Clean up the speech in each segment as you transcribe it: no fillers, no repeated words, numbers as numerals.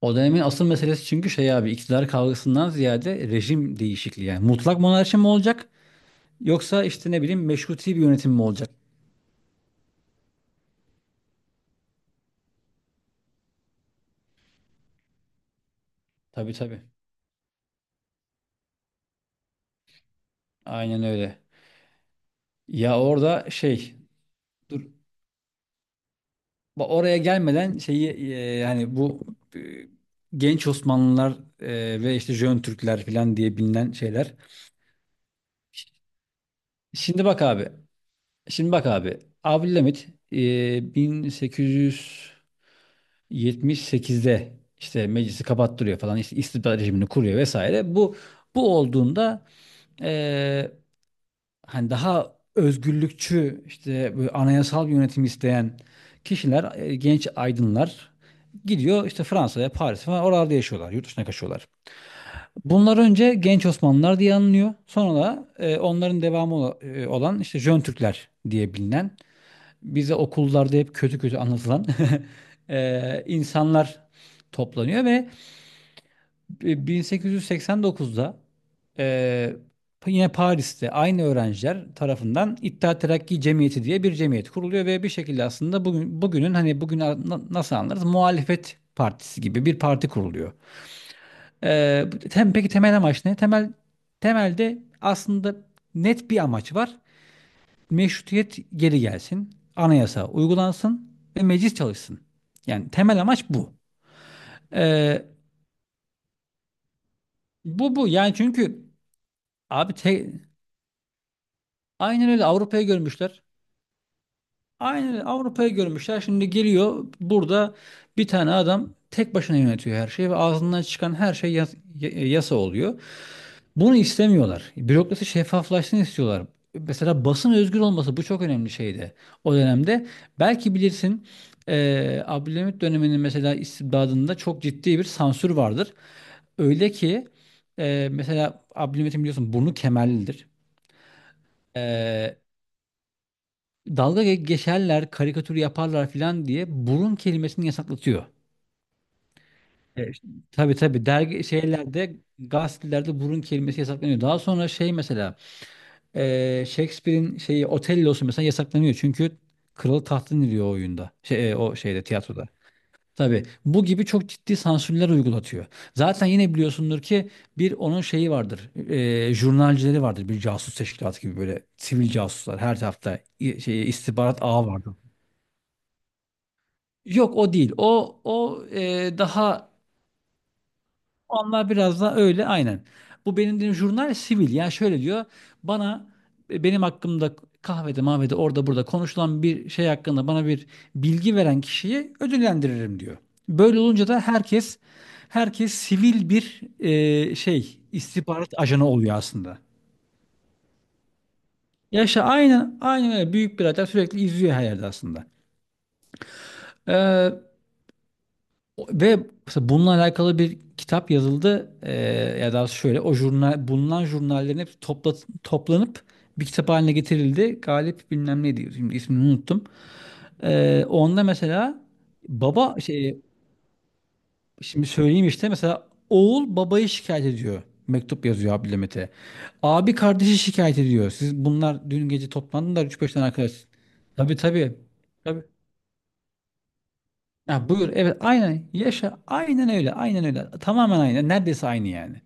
O dönemin asıl meselesi çünkü şey abi iktidar kavgasından ziyade rejim değişikliği. Yani mutlak monarşi mi olacak yoksa işte ne bileyim meşruti bir yönetim mi olacak? Tabii tabii. Aynen öyle. Ya orada şey dur oraya gelmeden şeyi yani bu e, genç Osmanlılar e, ve işte Jön Türkler falan diye bilinen şeyler. Ş- Şimdi bak abi. Şimdi bak abi. Abdülhamit 1800 78'de işte meclisi kapattırıyor falan işte istibdat rejimini kuruyor vesaire. Bu olduğunda eee, hani daha özgürlükçü işte böyle anayasal bir yönetim isteyen kişiler, genç aydınlar gidiyor işte Fransa'ya, Paris'e falan oralarda yaşıyorlar, yurt dışına kaçıyorlar. Bunlar önce genç Osmanlılar diye anılıyor. Sonra da onların devamı olan işte Jön Türkler diye bilinen bize okullarda hep kötü kötü anlatılan insanlar toplanıyor ve 1889'da eee, yine Paris'te aynı öğrenciler tarafından İttihat Terakki Cemiyeti diye bir cemiyet kuruluyor ve bir şekilde aslında bugünün hani bugün nasıl anlarız muhalefet partisi gibi bir parti kuruluyor. Peki temel amaç ne? Temelde aslında net bir amaç var: meşrutiyet geri gelsin, anayasa uygulansın ve meclis çalışsın. Yani temel amaç bu. Ee, bu yani çünkü abi te- aynen öyle Avrupa'yı görmüşler. Aynen öyle Avrupa'yı görmüşler. Şimdi geliyor burada bir tane adam tek başına yönetiyor her şeyi ve ağzından çıkan her şey yasa oluyor. Bunu istemiyorlar. Bürokrasi şeffaflaşsın istiyorlar. Mesela basın özgür olması bu çok önemli şeydi o dönemde. Belki bilirsin Abdülhamit döneminin mesela istibdadında çok ciddi bir sansür vardır. Öyle ki mesela Abdülhamit'in biliyorsun burnu kemerlidir. Eee, dalga geçerler, karikatür yaparlar filan diye burun kelimesini yasaklatıyor. İşte, tabii tabii dergi şeylerde gazetelerde burun kelimesi yasaklanıyor. Daha sonra şey mesela Shakespeare'in şeyi Otello'su mesela yasaklanıyor. Çünkü kralı tahttan iniyor o oyunda. Şey, o şeyde tiyatroda. Tabii bu gibi çok ciddi sansürler uygulatıyor. Zaten yine biliyorsundur ki bir onun şeyi vardır. E, jurnalcileri vardır. Bir casus teşkilatı gibi böyle sivil casuslar her tarafta şey istihbarat ağı vardır. Yok o değil. O o e, daha Onlar biraz da öyle aynen. Bu benim dediğim jurnal sivil. Yani şöyle diyor. Bana benim hakkımda kahvede mahvede orada burada konuşulan bir şey hakkında bana bir bilgi veren kişiyi ödüllendiririm diyor. Böyle olunca da herkes sivil bir şey istihbarat ajanı oluyor aslında. Yaşa aynen aynen öyle, büyük birader sürekli izliyor her yerde aslında. Ee, Ve mesela bununla alakalı bir kitap yazıldı. Ya da şöyle o jurnal bulunan jurnallerin hepsi toplanıp bir kitap haline getirildi. Galip bilmem ne diyor. Şimdi ismini unuttum. Onda mesela baba şey şimdi söyleyeyim işte mesela oğul babayı şikayet ediyor. Mektup yazıyor Abdülhamit'e. Abi kardeşi şikayet ediyor. Siz bunlar dün gece toplandınız da üç beş tane arkadaş. Tabii tabii. Tabii. Ya buyur evet aynen yaşa aynen öyle aynen öyle tamamen aynı neredeyse aynı yani.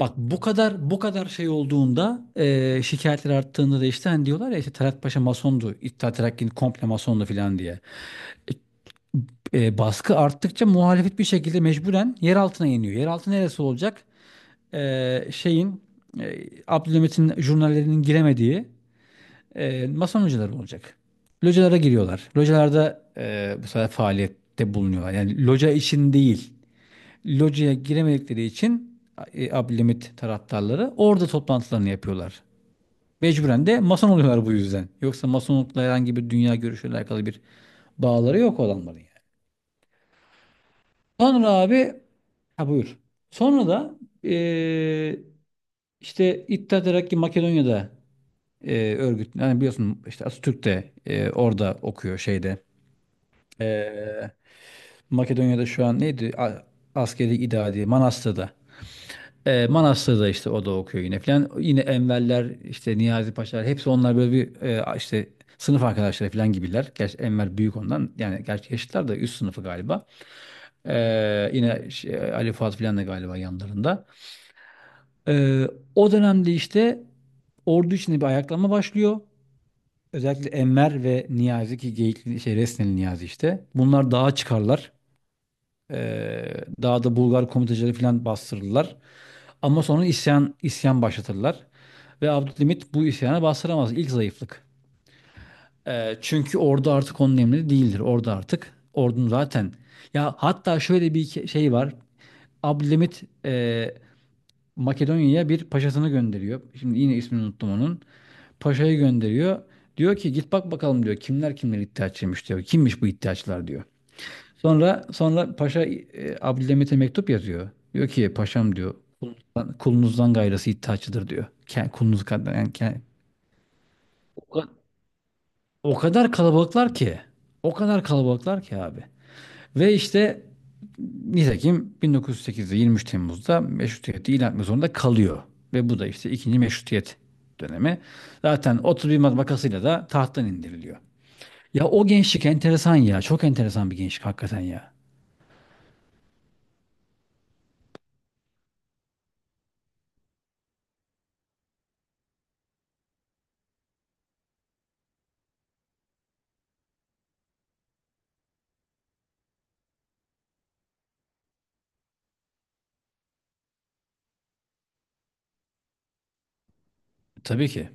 Bak bu kadar şey olduğunda, şikayetler arttığında da işte hani diyorlar ya işte Talat Paşa masondu, İttihat Terakki'nin komple masondu filan diye. Baskı arttıkça muhalefet bir şekilde mecburen yer altına iniyor. Yer altı neresi olacak? Şeyin Abdülhamit'in jurnallerinin giremediği mason hocaları olacak. Localara giriyorlar. Localarda bu sefer faaliyette bulunuyorlar. Yani loca için değil, locaya giremedikleri için Abdülhamit taraftarları orada toplantılarını yapıyorlar. Mecburen de mason oluyorlar bu yüzden. Yoksa masonlukla, herhangi bir dünya görüşüyle alakalı bir bağları yok olanların yani. Sonra abi ha buyur. Sonra da e, işte İttihat Terakki Makedonya'da örgüt. Yani biliyorsun işte Atatürk de orada okuyor şeyde. E, Makedonya'da şu an neydi? Askeri idadi Manastır'da. Manastır'da işte o da okuyor yine falan. Yine Enverler, işte Niyazi Paşalar, hepsi onlar böyle bir işte sınıf arkadaşları falan gibiler. Gerçi Enver büyük ondan yani, gerçi yaşlılar da üst sınıfı galiba. Yine şey, Ali Fuat falan da galiba yanlarında. E, o dönemde işte ordu içinde bir ayaklanma başlıyor. Özellikle Enver ve Niyazi ki Geyikli, şey Resneli Niyazi işte. Bunlar dağa çıkarlar. Ee, daha da Bulgar komitacıları falan bastırırlar. Ama sonra isyan isyan başlatırlar. Ve Abdülhamit bu isyana bastıramaz. İlk zayıflık. Çünkü orada artık onun emri değildir. Orada artık ordunun zaten. Ya hatta şöyle bir şey var. Abdülhamit Makedonya'ya bir paşasını gönderiyor. Şimdi yine ismini unuttum onun. Paşayı gönderiyor. Diyor ki git bak bakalım diyor. Kimler kimler iddiaçıymış diyor. Kimmiş bu iddiaçılar diyor. Sonra Paşa Abdülhamit'e mektup yazıyor. Diyor ki paşam diyor, kulunuzdan gayrısı iddiaçıdır diyor. Kulunuz kadar yani o ka- o kadar kalabalıklar ki. O kadar kalabalıklar ki abi. Ve işte nitekim 1908'de 23 Temmuz'da meşrutiyeti ilan etmek zorunda kalıyor. Ve bu da işte ikinci meşrutiyet dönemi. Zaten 31 Mart vakasıyla da tahttan indiriliyor. Ya o gençlik enteresan ya. Çok enteresan bir gençlik hakikaten ya. Tabii ki.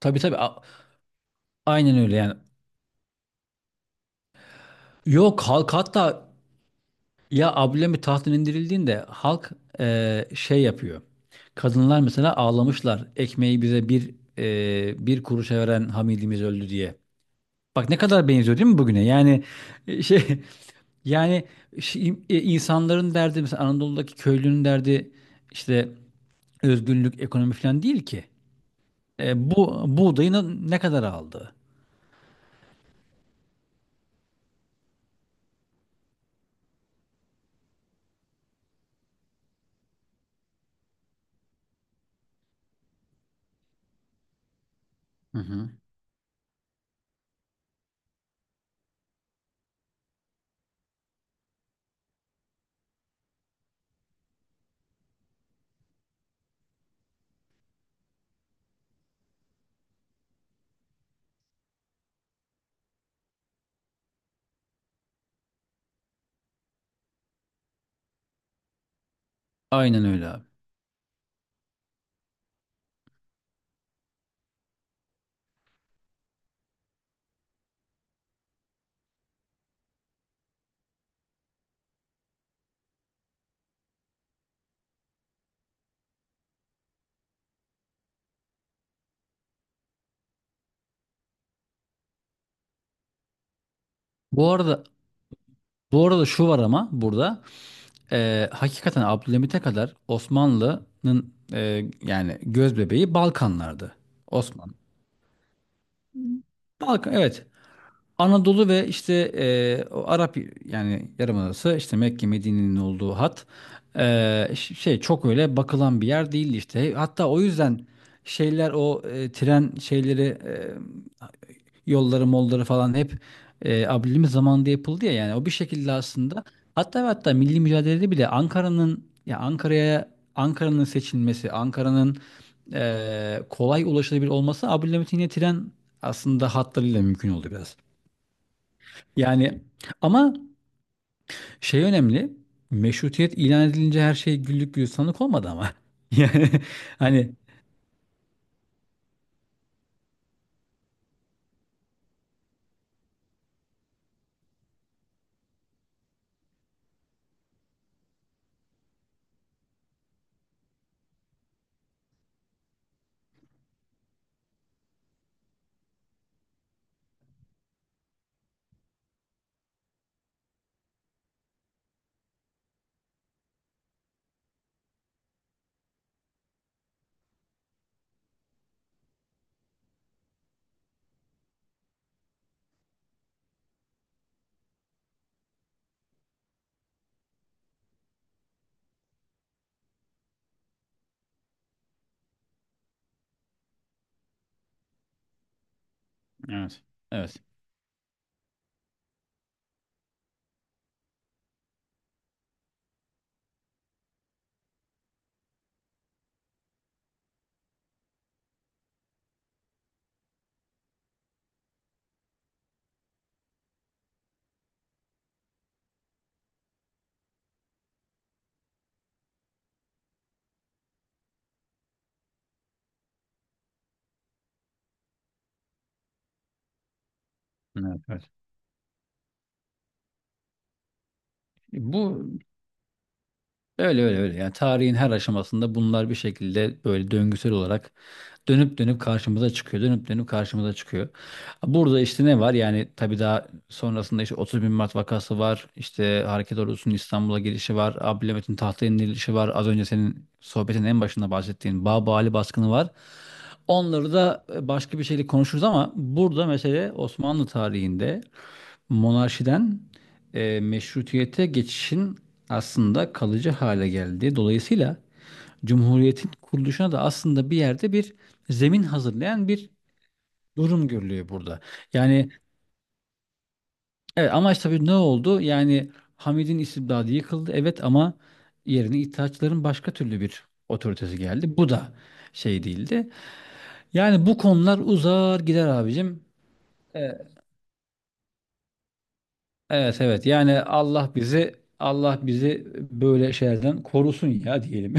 Tabii tabii. Aynen öyle yani. Yok halk hatta, ya Abdülhamit tahttan indirildiğinde halk şey yapıyor. Kadınlar mesela ağlamışlar. Ekmeği bize bir kuruşa veren Hamidimiz öldü diye. Bak ne kadar benziyor değil mi bugüne? Yani şey yani şey, insanların derdi, mesela Anadolu'daki köylünün derdi işte özgürlük, ekonomi falan değil ki. E, bu buğdayını ne kadar aldı? Hı hı. Aynen öyle abi. Bu arada Bu arada şu var ama burada, hakikaten Abdülhamit'e kadar Osmanlı'nın yani göz bebeği Balkanlardı. Osmanlı. Balkan evet. Anadolu ve işte o Arap yani Yarımadası, işte Mekke Medine'nin olduğu hat, şey çok öyle bakılan bir yer değildi işte. Hatta o yüzden şeyler o tren şeyleri, yolları molları falan hep Abdülhamit zamanında yapıldı ya yani, o bir şekilde aslında hatta ve hatta milli mücadelede bile Ankara'ya Ankara'nın seçilmesi, Ankara'nın kolay ulaşılabilir olması Abdülhamit'in yine tren aslında hatlarıyla mümkün oldu biraz. Yani ama şey önemli. Meşrutiyet ilan edilince her şey güllük gülistanlık olmadı ama. Yani hani, evet. Evet. Evet. Evet. Bu Öyle öyle öyle. Yani tarihin her aşamasında bunlar bir şekilde böyle döngüsel olarak dönüp dönüp karşımıza çıkıyor. Dönüp dönüp karşımıza çıkıyor. Burada işte ne var? Yani tabii daha sonrasında işte 30 bin Mart vakası var. İşte Hareket Ordusu'nun İstanbul'a girişi var. Abdülhamit'in tahta indirilişi var. Az önce senin sohbetin en başında bahsettiğin Babı baskını var. Onları da başka bir şeyle konuşuruz ama burada mesele Osmanlı tarihinde monarşiden meşrutiyete geçişin aslında kalıcı hale geldi. Dolayısıyla Cumhuriyet'in kuruluşuna da aslında bir yerde bir zemin hazırlayan bir durum görülüyor burada. Yani evet, amaç tabii ne oldu? Yani Hamid'in istibdadı yıkıldı evet, ama yerine İttihatçıların başka türlü bir otoritesi geldi. Bu da şey değildi. Yani bu konular uzar gider abicim. E, Evet evet, yani Allah bizi böyle şeylerden korusun ya diyelim.